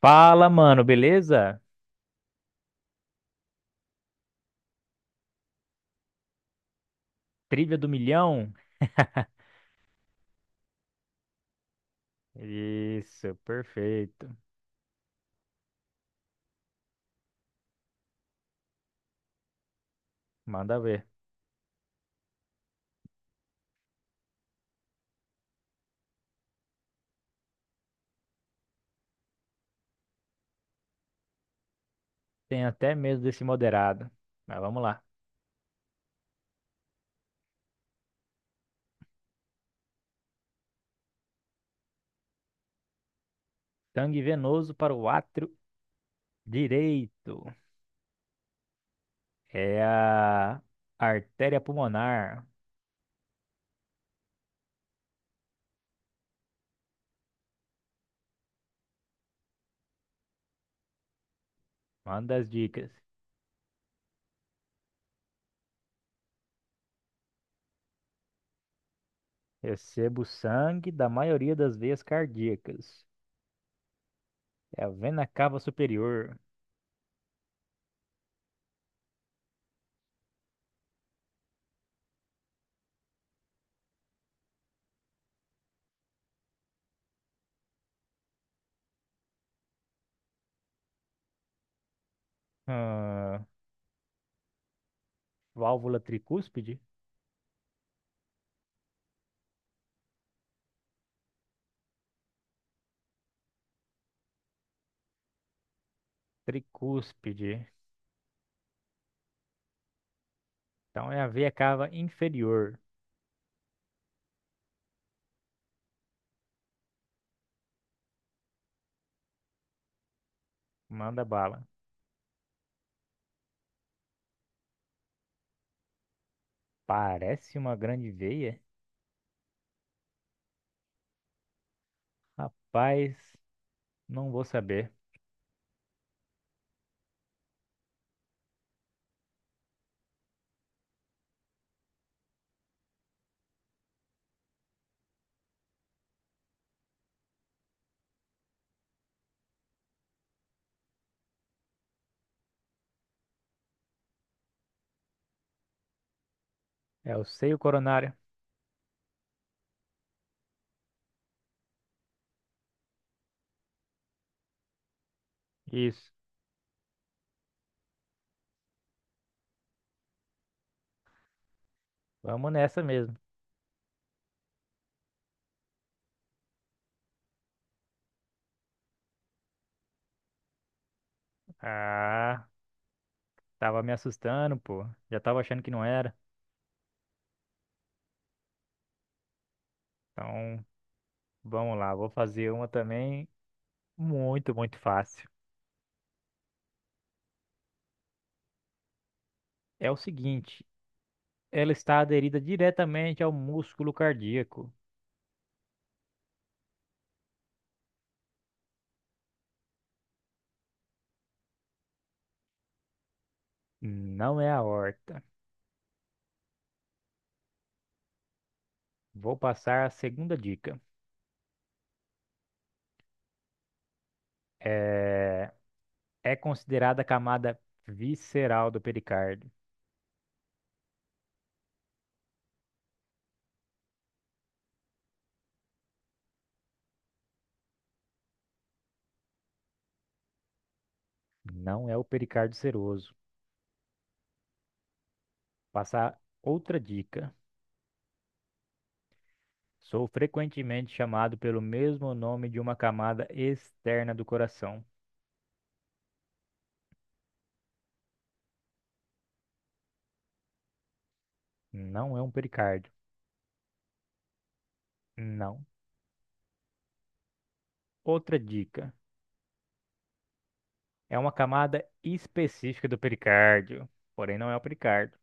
Fala, mano, beleza? Trivia do milhão? Isso, perfeito. Manda ver. Tem até medo desse moderado. Mas vamos lá. Sangue venoso para o átrio direito. É a artéria pulmonar. Manda as dicas. Recebo sangue da maioria das veias cardíacas. É a vena cava superior. Ah, válvula tricúspide? Tricúspide. Então é a veia cava inferior. Manda bala. Parece uma grande veia? Rapaz, não vou saber. É o seio coronário. Isso. Vamos nessa mesmo. Ah, tava me assustando, pô. Já tava achando que não era. Então, vamos lá. Vou fazer uma também muito, muito fácil. É o seguinte, ela está aderida diretamente ao músculo cardíaco. Não é a aorta. Vou passar a segunda dica. É, é considerada a camada visceral do pericárdio. Não é o pericárdio seroso. Passar outra dica. Sou frequentemente chamado pelo mesmo nome de uma camada externa do coração. Não é um pericárdio. Não. Outra dica. É uma camada específica do pericárdio, porém não é o pericárdio.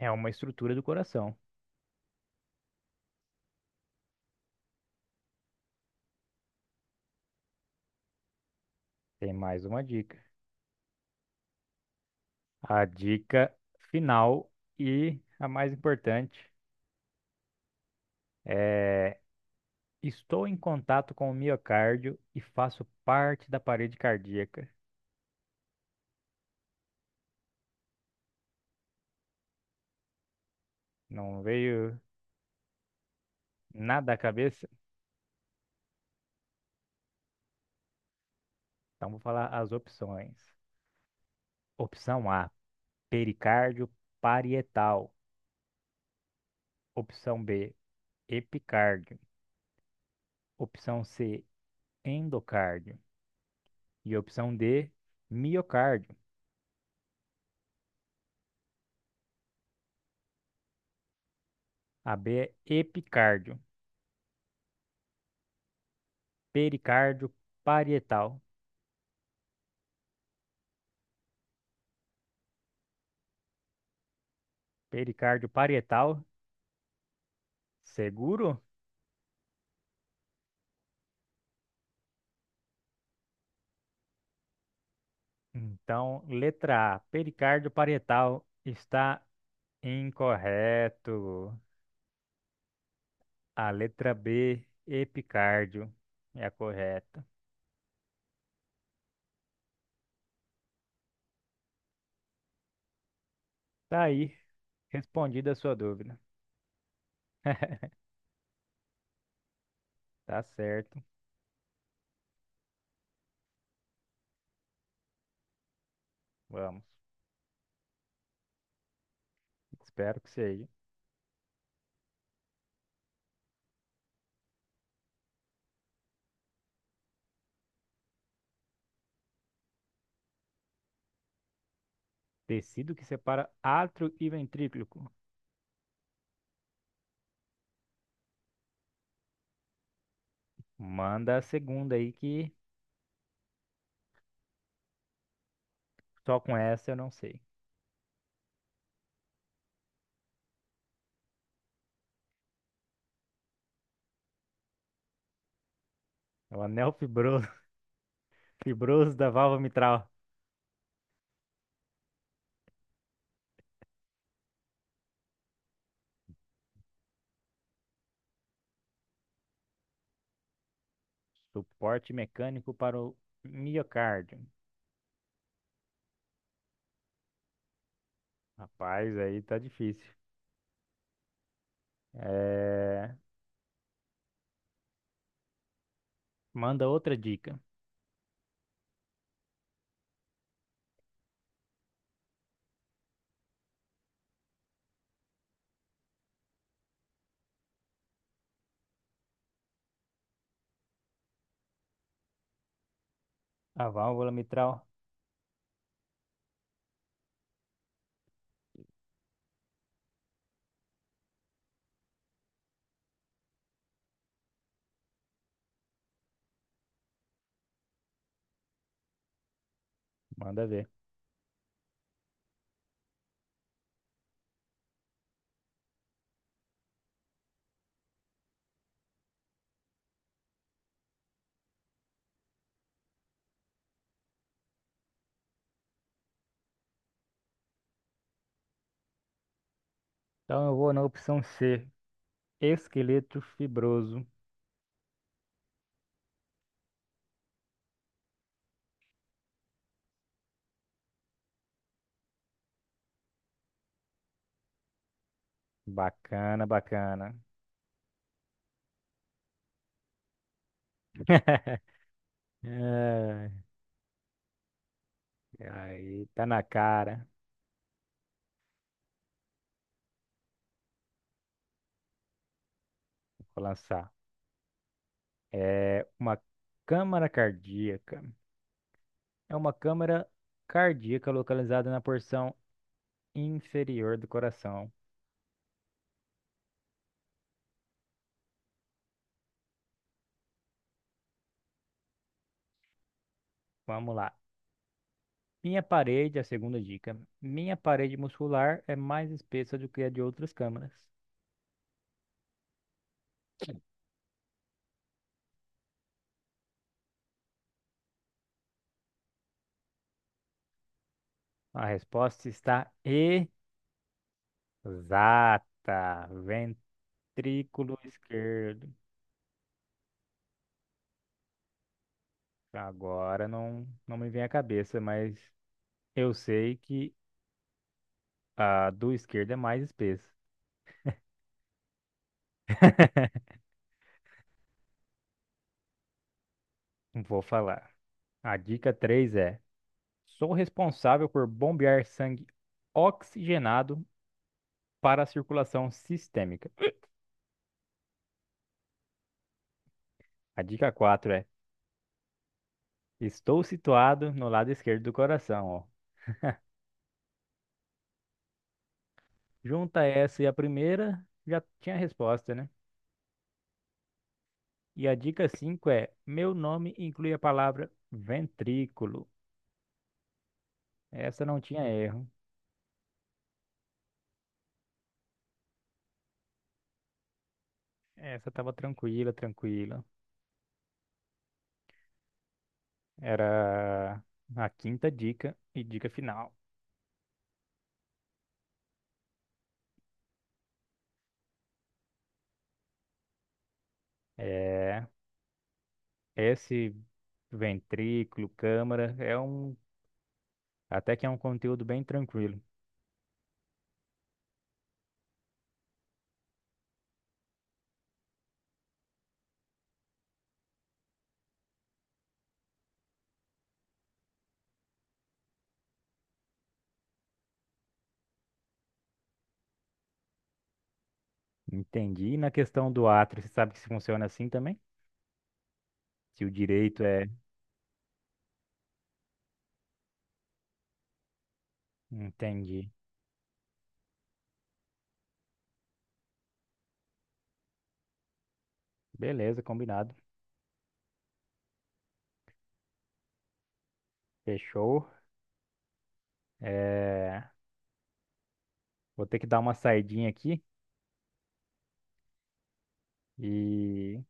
É uma estrutura do coração. Tem mais uma dica. A dica final e a mais importante é: estou em contato com o miocárdio e faço parte da parede cardíaca. Não veio nada à cabeça? Então vou falar as opções. Opção A, pericárdio parietal. Opção B, epicárdio. Opção C, endocárdio. E opção D, miocárdio. A B é epicárdio, pericárdio parietal. Pericárdio parietal, seguro? Então, letra A, pericárdio parietal está incorreto. A letra B, epicárdio, é a correta. Tá aí, respondida a sua dúvida. Tá certo, vamos. Espero que seja. Tecido que separa átrio e ventrículo. Manda a segunda aí que só com essa eu não sei. É o anel fibroso, fibroso da válvula mitral. Suporte mecânico para o miocárdio. Rapaz, aí tá difícil. É, manda outra dica. A válvula mitral, manda ver. Então eu vou na opção C. Esqueleto fibroso. Bacana, bacana. Ai, aí tá na cara. Vou lançar. É uma câmara cardíaca. É uma câmara cardíaca localizada na porção inferior do coração. Vamos lá. Minha parede, a segunda dica. Minha parede muscular é mais espessa do que a de outras câmaras. A resposta está exata. Ventrículo esquerdo. Agora não, não me vem à cabeça, mas eu sei que a do esquerdo é mais espessa. Vou falar. A dica 3 é: sou responsável por bombear sangue oxigenado para a circulação sistêmica. A dica 4 é: estou situado no lado esquerdo do coração, ó. Junta essa e a primeira, já tinha a resposta, né? E a dica 5 é: meu nome inclui a palavra ventrículo. Essa não tinha erro. Essa tava tranquila, tranquila. Era a quinta dica e dica final. É, esse ventrículo, câmara, é um, até que é um conteúdo bem tranquilo. Entendi. E na questão do átrio, você sabe que se funciona assim também? Se o direito é. Entendi. Beleza, combinado. Fechou. É, vou ter que dar uma saidinha aqui e,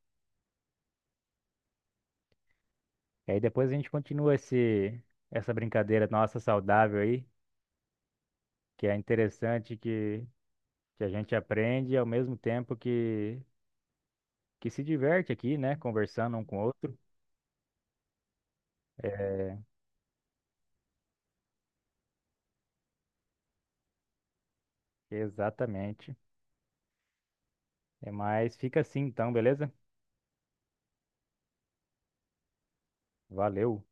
e aí depois a gente continua esse, essa brincadeira nossa saudável aí, que é interessante que a gente aprende ao mesmo tempo que se diverte aqui, né? Conversando um com o outro. É, exatamente. É, mas fica assim então, beleza? Valeu.